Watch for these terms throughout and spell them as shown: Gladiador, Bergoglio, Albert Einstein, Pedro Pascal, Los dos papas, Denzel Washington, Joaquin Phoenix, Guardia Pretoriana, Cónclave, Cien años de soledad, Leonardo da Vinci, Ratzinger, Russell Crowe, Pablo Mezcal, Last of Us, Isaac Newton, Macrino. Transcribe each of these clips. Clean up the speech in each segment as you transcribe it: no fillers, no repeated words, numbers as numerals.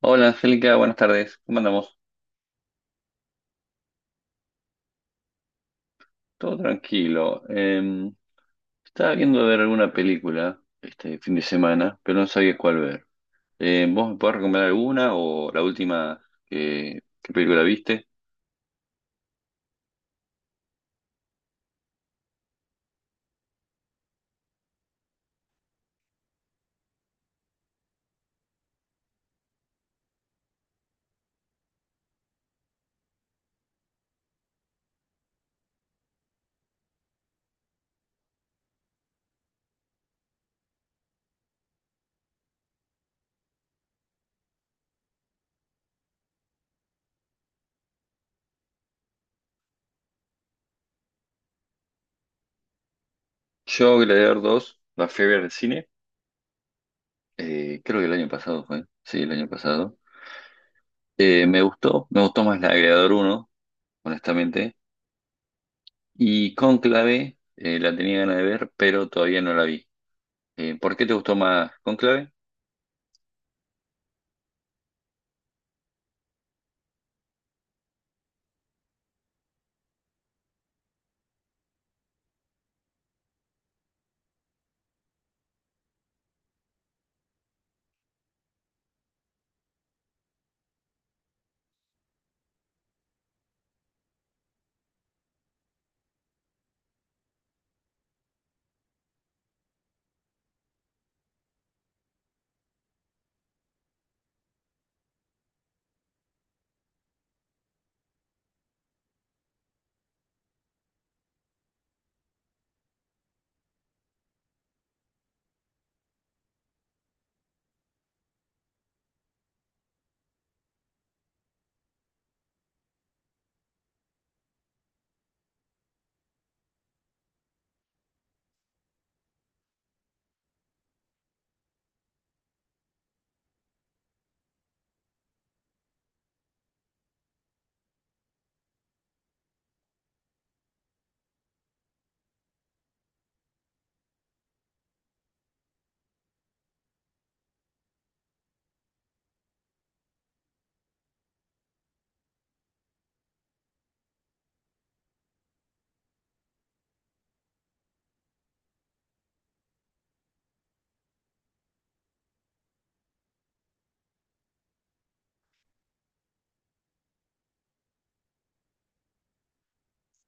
Hola Angélica, buenas tardes. ¿Cómo andamos? Todo tranquilo. Estaba viendo ver alguna película este fin de semana, pero no sabía cuál ver. ¿Vos me podés recomendar alguna o la última qué película viste? Yo, Gladiador dos, la fui a ver al cine. Creo que el año pasado fue. Sí, el año pasado. Me gustó más la de Gladiador 1, honestamente. Y Cónclave, la tenía ganas de ver, pero todavía no la vi. ¿Por qué te gustó más Cónclave?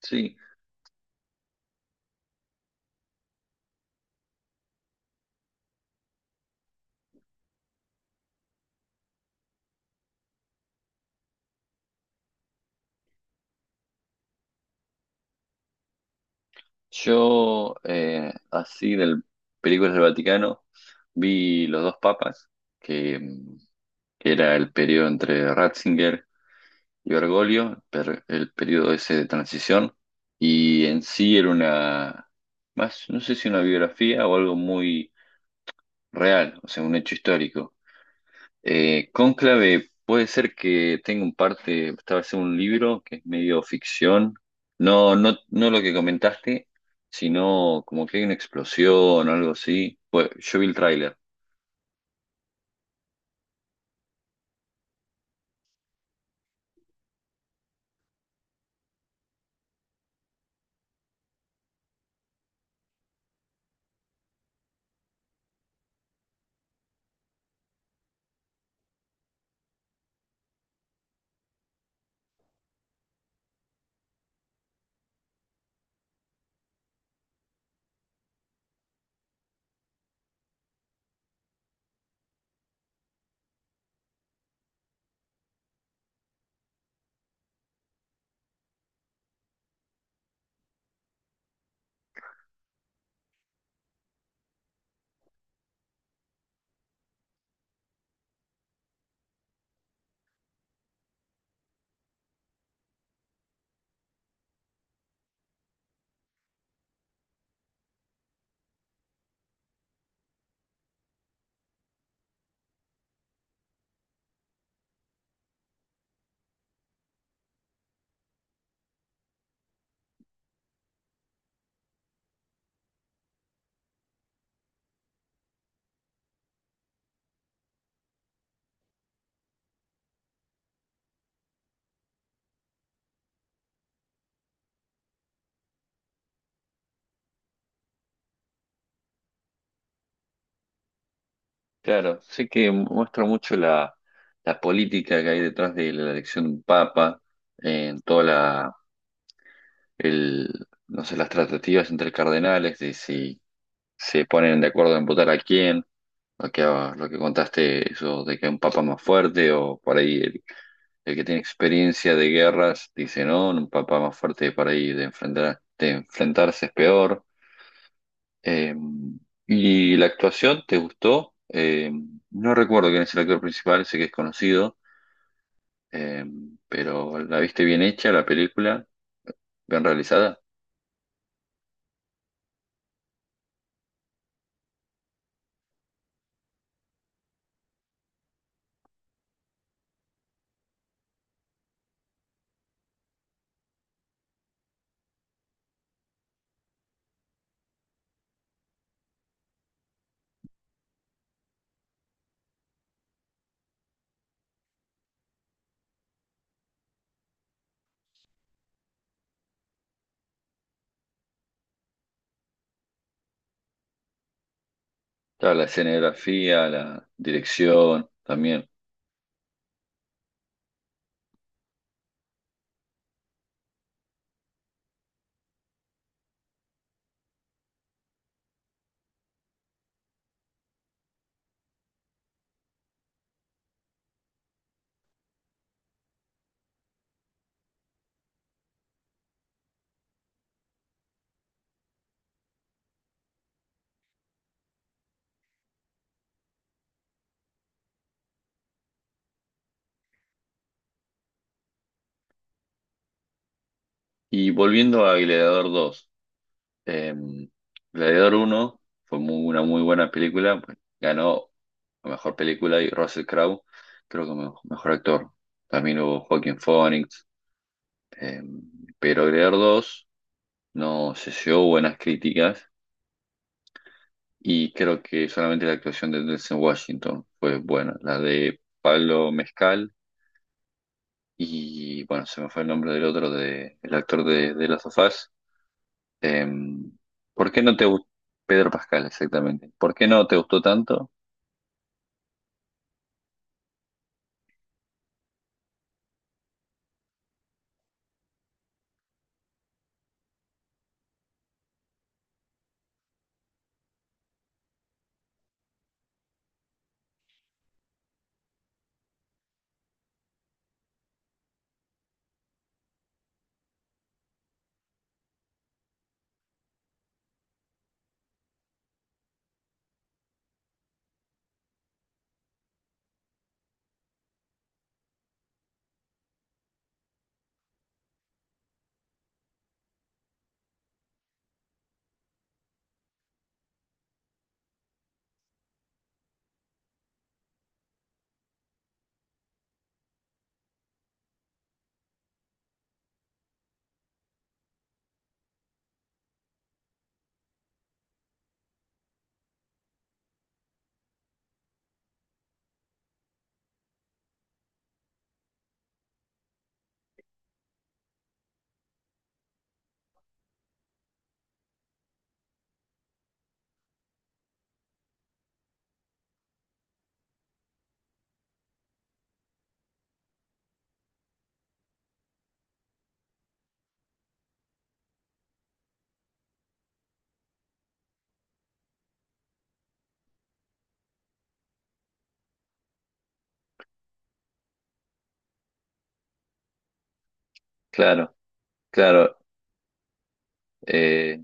Sí. Yo, así del películas del Vaticano, vi Los dos papas, que, mm, que era el periodo entre Ratzinger y Bergoglio, el periodo ese de transición, y en sí era más, no sé si una biografía o algo muy real, o sea, un hecho histórico. Cónclave, puede ser que tenga un parte, estaba haciendo un libro que es medio ficción. No, no lo que comentaste, sino como que hay una explosión o algo así. Pues yo vi el tráiler. Claro, sé que muestra mucho la política que hay detrás de la elección de un papa, en toda el, no sé, las tratativas entre cardenales de si se ponen de acuerdo en votar a quién. Lo que contaste, eso de que un papa más fuerte o por ahí el que tiene experiencia de guerras dice, no, un papa más fuerte por ahí de de enfrentarse es peor. Eh, ¿Y la actuación te gustó? No recuerdo quién es el actor principal, sé que es conocido, eh, pero ¿la viste bien hecha la película? ¿Bien realizada? Claro, la escenografía, la dirección también. Y volviendo a Gladiador dos. Eh, Gladiador 1 fue una muy buena película. Pues ganó la mejor película y Russell Crowe, creo que mejor actor. También hubo Joaquin Phoenix. eh, pero Gladiador dos no se llevó buenas críticas y creo que solamente la actuación de Denzel Washington fue buena. La de Pablo Mezcal y, bueno, se me fue el nombre del otro, de, el actor de Last of Us. Eh, ¿Por qué no te gustó? Pedro Pascal, exactamente. ¿Por qué no te gustó tanto? Claro, claro. Eh,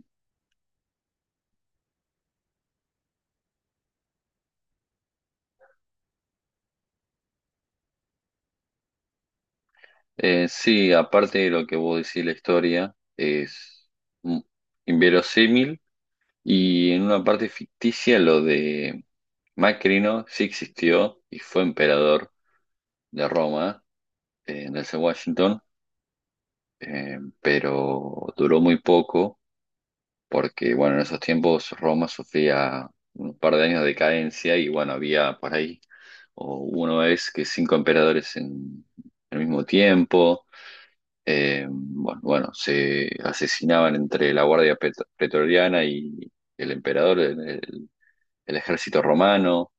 sí, aparte de lo que vos decís, la historia es mm, inverosímil, y en una parte ficticia lo de Macrino sí existió y fue emperador de Roma, desde Washington, pero duró muy poco porque, bueno, en esos tiempos Roma sufría un par de años de decadencia y, bueno, había por ahí o una vez que cinco emperadores en el mismo tiempo. Bueno, se asesinaban entre la Pretoriana y el emperador, el ejército romano.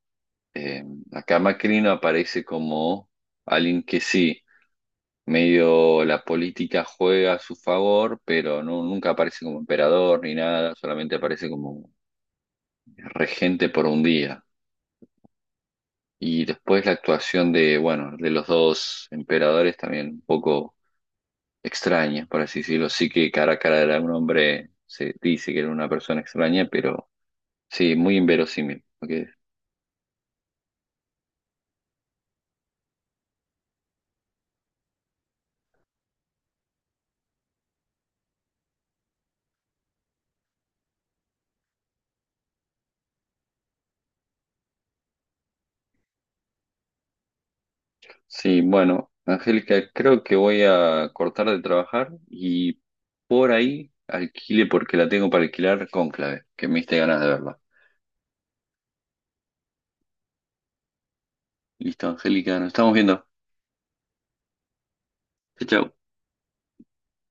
Eh, Acá Macrino aparece como alguien que sí, medio la política juega a su favor, pero no, nunca aparece como emperador ni nada, solamente aparece como regente por un día. Y después la actuación de, bueno, de los dos emperadores también un poco extraña, por así decirlo. Sí que cara a cara era un hombre, se dice que era una persona extraña, pero sí, muy inverosímil. Ok. Sí, bueno, Angélica, creo que voy a cortar de trabajar y por ahí alquile porque la tengo para alquilar Cónclave, que me diste ganas de verla. Listo, Angélica, nos estamos viendo. Chao, chao.